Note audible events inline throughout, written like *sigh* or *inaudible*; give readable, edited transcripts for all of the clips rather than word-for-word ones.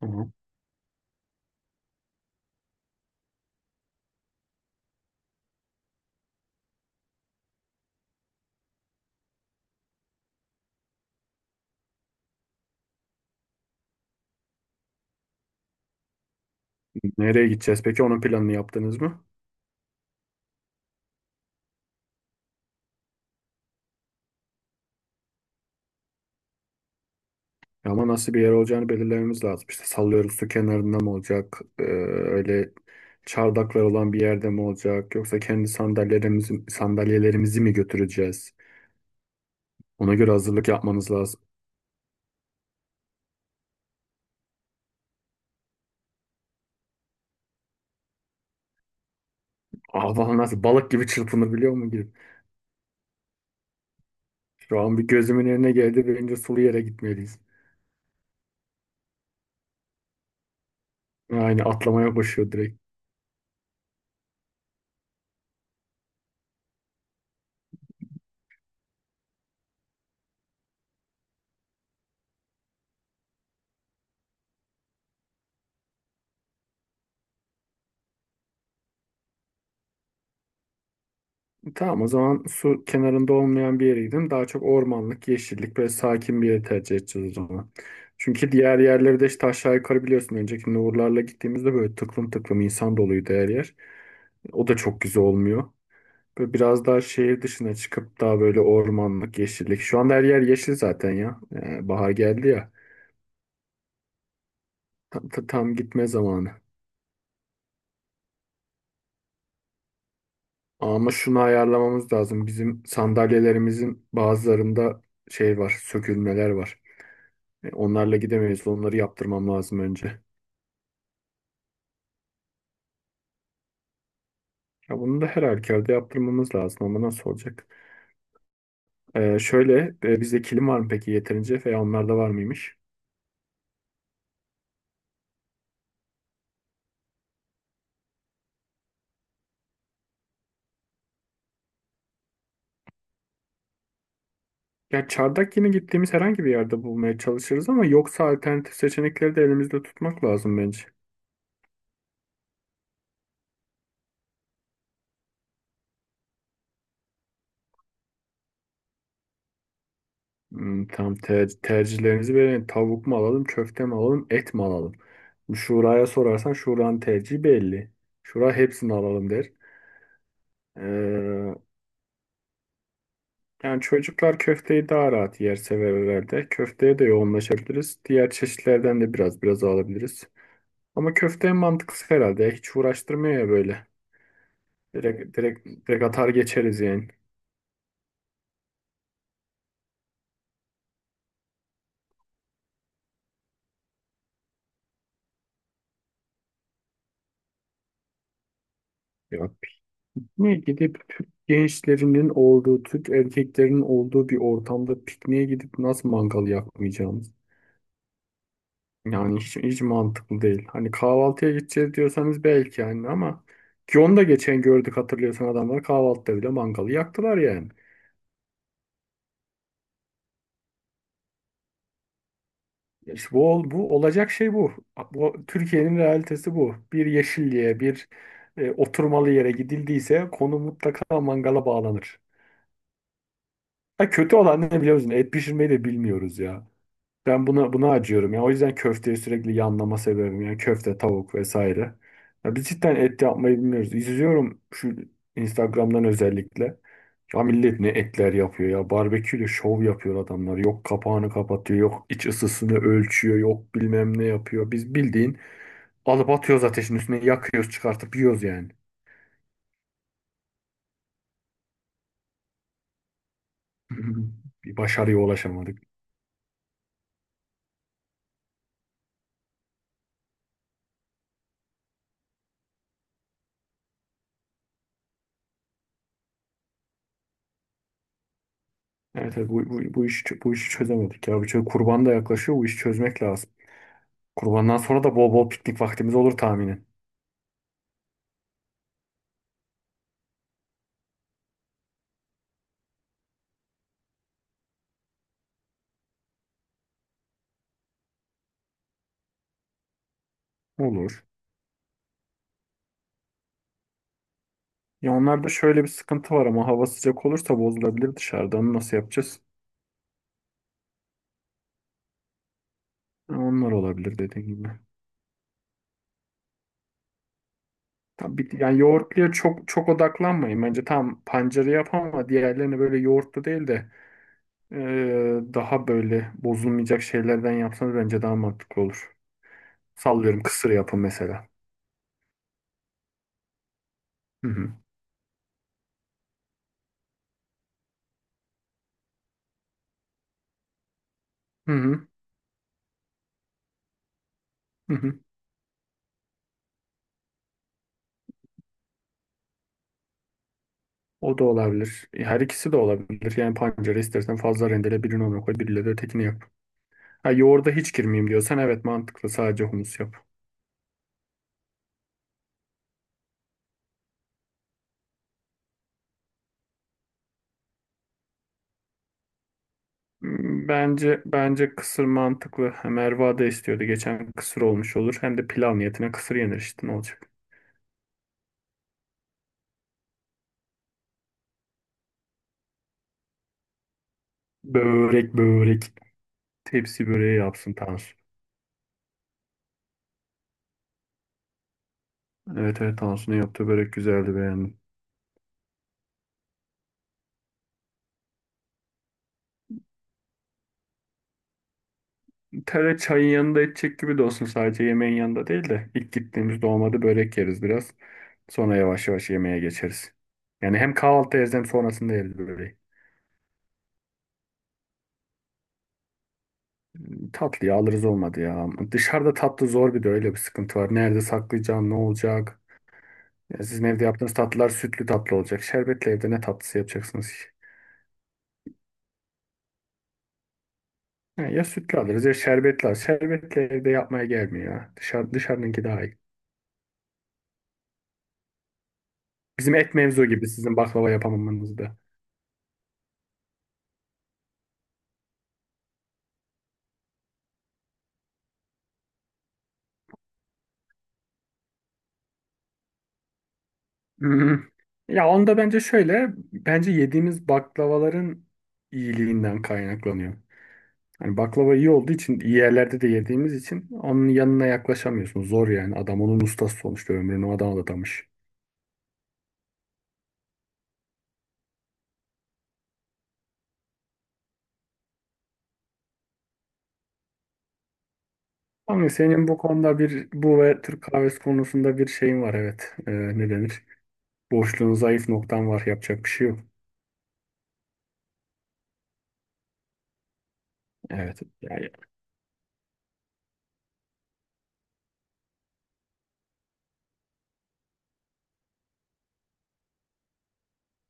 Hı. Nereye gideceğiz? Peki onun planını yaptınız mı? Ya ama nasıl bir yer olacağını belirlememiz lazım. İşte sallıyoruz, su kenarında mı olacak? Öyle çardaklar olan bir yerde mi olacak? Yoksa kendi sandalyelerimizi mi götüreceğiz? Ona göre hazırlık yapmanız lazım. Hava nasıl, balık gibi çırpınabiliyor mu girip? Şu an bir gözümün önüne geldi. Bence sulu yere gitmeliyiz. Yani atlamaya başlıyor direkt. Tamam, o zaman su kenarında olmayan bir yere gidelim. Daha çok ormanlık, yeşillik, böyle sakin bir yere tercih edeceğiz o zaman. Çünkü diğer yerleri de işte aşağı yukarı biliyorsun. Önceki Uğurlar'la gittiğimizde böyle tıklım tıklım insan doluydu her yer. O da çok güzel olmuyor. Böyle biraz daha şehir dışına çıkıp daha böyle ormanlık, yeşillik. Şu anda her yer yeşil zaten ya. Bahar geldi ya. Tam, tam gitme zamanı. Ama şunu ayarlamamız lazım. Bizim sandalyelerimizin bazılarında şey var, sökülmeler var. Onlarla gidemeyiz. Onları yaptırmam lazım önce. Ya bunu da her halükarda yaptırmamız lazım ama nasıl olacak? Şöyle, e, bizde kilim var mı peki yeterince, veya onlarda var mıymış? Ya çardak yine gittiğimiz herhangi bir yerde bulmaya çalışırız ama yoksa alternatif seçenekleri de elimizde tutmak lazım bence. Hmm, tam tercihlerinizi verin. Tavuk mu alalım, köfte mi alalım, et mi alalım? Şura'ya sorarsan Şura'nın tercihi belli. Şura hepsini alalım der. E, Yani çocuklar köfteyi daha rahat yer sever herhalde. Köfteye de yoğunlaşabiliriz. Diğer çeşitlerden de biraz biraz alabiliriz. Ama köfte en mantıklısı herhalde. Hiç uğraştırmıyor ya böyle. Direkt, direkt, direkt atar geçeriz yani. Ya, pikniğe gidip gençlerinin olduğu, Türk erkeklerinin olduğu bir ortamda pikniğe gidip nasıl mangal yakmayacağımız? Yani hiç, hiç mantıklı değil. Hani kahvaltıya gideceğiz diyorsanız belki yani, ama ki onu da geçen gördük, hatırlıyorsan adamlar kahvaltıda bile mangalı yaktılar yani. Ya İşte bu, bu olacak şey bu. Bu Türkiye'nin realitesi bu. Bir yeşilliğe, bir, oturmalı yere gidildiyse konu mutlaka mangala bağlanır. Ha, kötü olan ne biliyor musun? Et pişirmeyi de bilmiyoruz ya. Ben buna acıyorum ya. O yüzden köfteyi sürekli yanlama sebebim, yani köfte, tavuk vesaire. Ya biz cidden et yapmayı bilmiyoruz. İzliyorum şu Instagram'dan özellikle. Ya millet ne etler yapıyor ya. Barbeküyle şov yapıyor adamlar. Yok kapağını kapatıyor, yok iç ısısını ölçüyor, yok bilmem ne yapıyor. Biz bildiğin alıp atıyoruz ateşin üstüne, yakıyoruz, çıkartıp yiyoruz yani. *laughs* Bir başarıya ulaşamadık. Evet, evet, bu işi çözemedik ya. Kurban da yaklaşıyor, bu işi çözmek lazım. Kurbandan sonra da bol bol piknik vaktimiz olur tahminen. Olur. Ya onlarda şöyle bir sıkıntı var, ama hava sıcak olursa bozulabilir dışarıda. Onu nasıl yapacağız? Ha, onlar olabilir dediğim gibi. Tam bir, yani yoğurtluya çok çok odaklanmayın. Bence tam pancarı yap ama diğerlerini böyle yoğurtlu değil de daha böyle bozulmayacak şeylerden yapsanız bence daha mantıklı olur. Sallıyorum kısır yapın mesela. Hı hı. Hı hı. Hı hı. O da olabilir. Her ikisi de olabilir. Yani pancara istersen fazla rendele, birini ona koy, biriyle de ötekini yap. Ha, yoğurda hiç girmeyeyim diyorsan evet mantıklı. Sadece humus yap. Hmm, bence kısır mantıklı. Ha, Merva da istiyordu. Geçen kısır olmuş olur. Hem de pilav niyetine kısır yenir işte, ne olacak. Börek, börek. Tepsi böreği yapsın Tansu. Evet evet, Tansu'nun yaptığı börek güzeldi, beğendim. Tere çayın yanında içecek gibi de olsun, sadece yemeğin yanında değil de. İlk gittiğimizde olmadı börek yeriz biraz. Sonra yavaş yavaş yemeğe geçeriz. Yani hem kahvaltı yeriz hem sonrasında yeriz böyle. Tatlıyı alırız olmadı ya. Dışarıda tatlı zor, bir de öyle bir sıkıntı var. Nerede saklayacağım, ne olacak? Ya sizin evde yaptığınız tatlılar sütlü tatlı olacak. Şerbetli evde ne tatlısı yapacaksınız ki? Ha, ya sütlü alırız ya şerbetli alırız. Şerbetli evde yapmaya gelmiyor ya. Dışarı, dışarınınki daha iyi. Bizim et mevzu gibi sizin baklava yapamamanız da. Hı. Ya onda bence şöyle. Bence yediğimiz baklavaların iyiliğinden kaynaklanıyor. Hani baklava iyi olduğu için, iyi yerlerde de yediğimiz için onun yanına yaklaşamıyorsun. Zor yani. Adam onun ustası sonuçta, ömrünü ona adamış. Ama senin bu konuda, bir bu ve Türk kahvesi konusunda bir şeyin var evet. Ne denir? Boşluğun, zayıf noktan var. Yapacak bir şey yok. Evet. Yani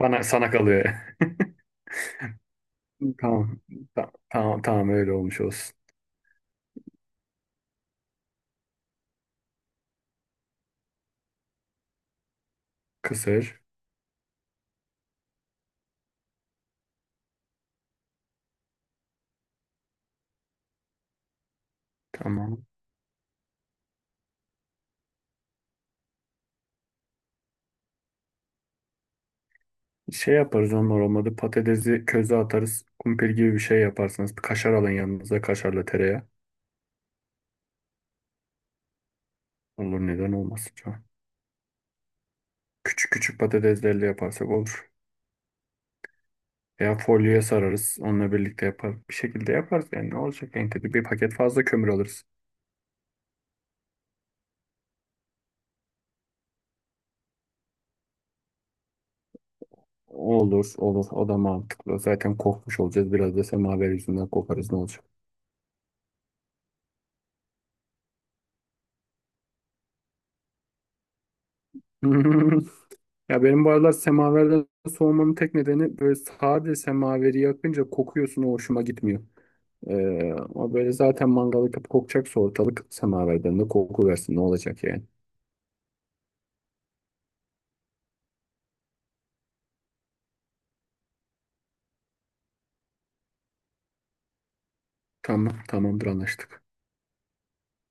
bana sana kalıyor. *laughs* Tamam. Tamam, tamam, öyle olmuş olsun. Kısır. Tamam. Şey yaparız onlar olmadı. Patatesi köze atarız. Kumpir gibi bir şey yaparsınız. Bir kaşar alın yanınıza. Kaşarla tereyağı. Olur, neden olmasın. Küçük küçük patateslerle yaparsak olur. Veya folyoya sararız. Onunla birlikte yapar. Bir şekilde yaparız yani. Ne olacak en kötü? Bir paket fazla kömür alırız. Olur, olur. O da mantıklı. Zaten kokmuş olacağız. Biraz da semaver yüzünden kokarız, ne olacak? *laughs* Ya benim bu aralar semaverden soğumamın tek nedeni, böyle sade semaveri yakınca kokuyorsun, o hoşuma gitmiyor. Ama böyle zaten mangal yakıp kokacaksa ortalık, semaverden de koku versin ne olacak yani. Tamam, tamamdır, anlaştık.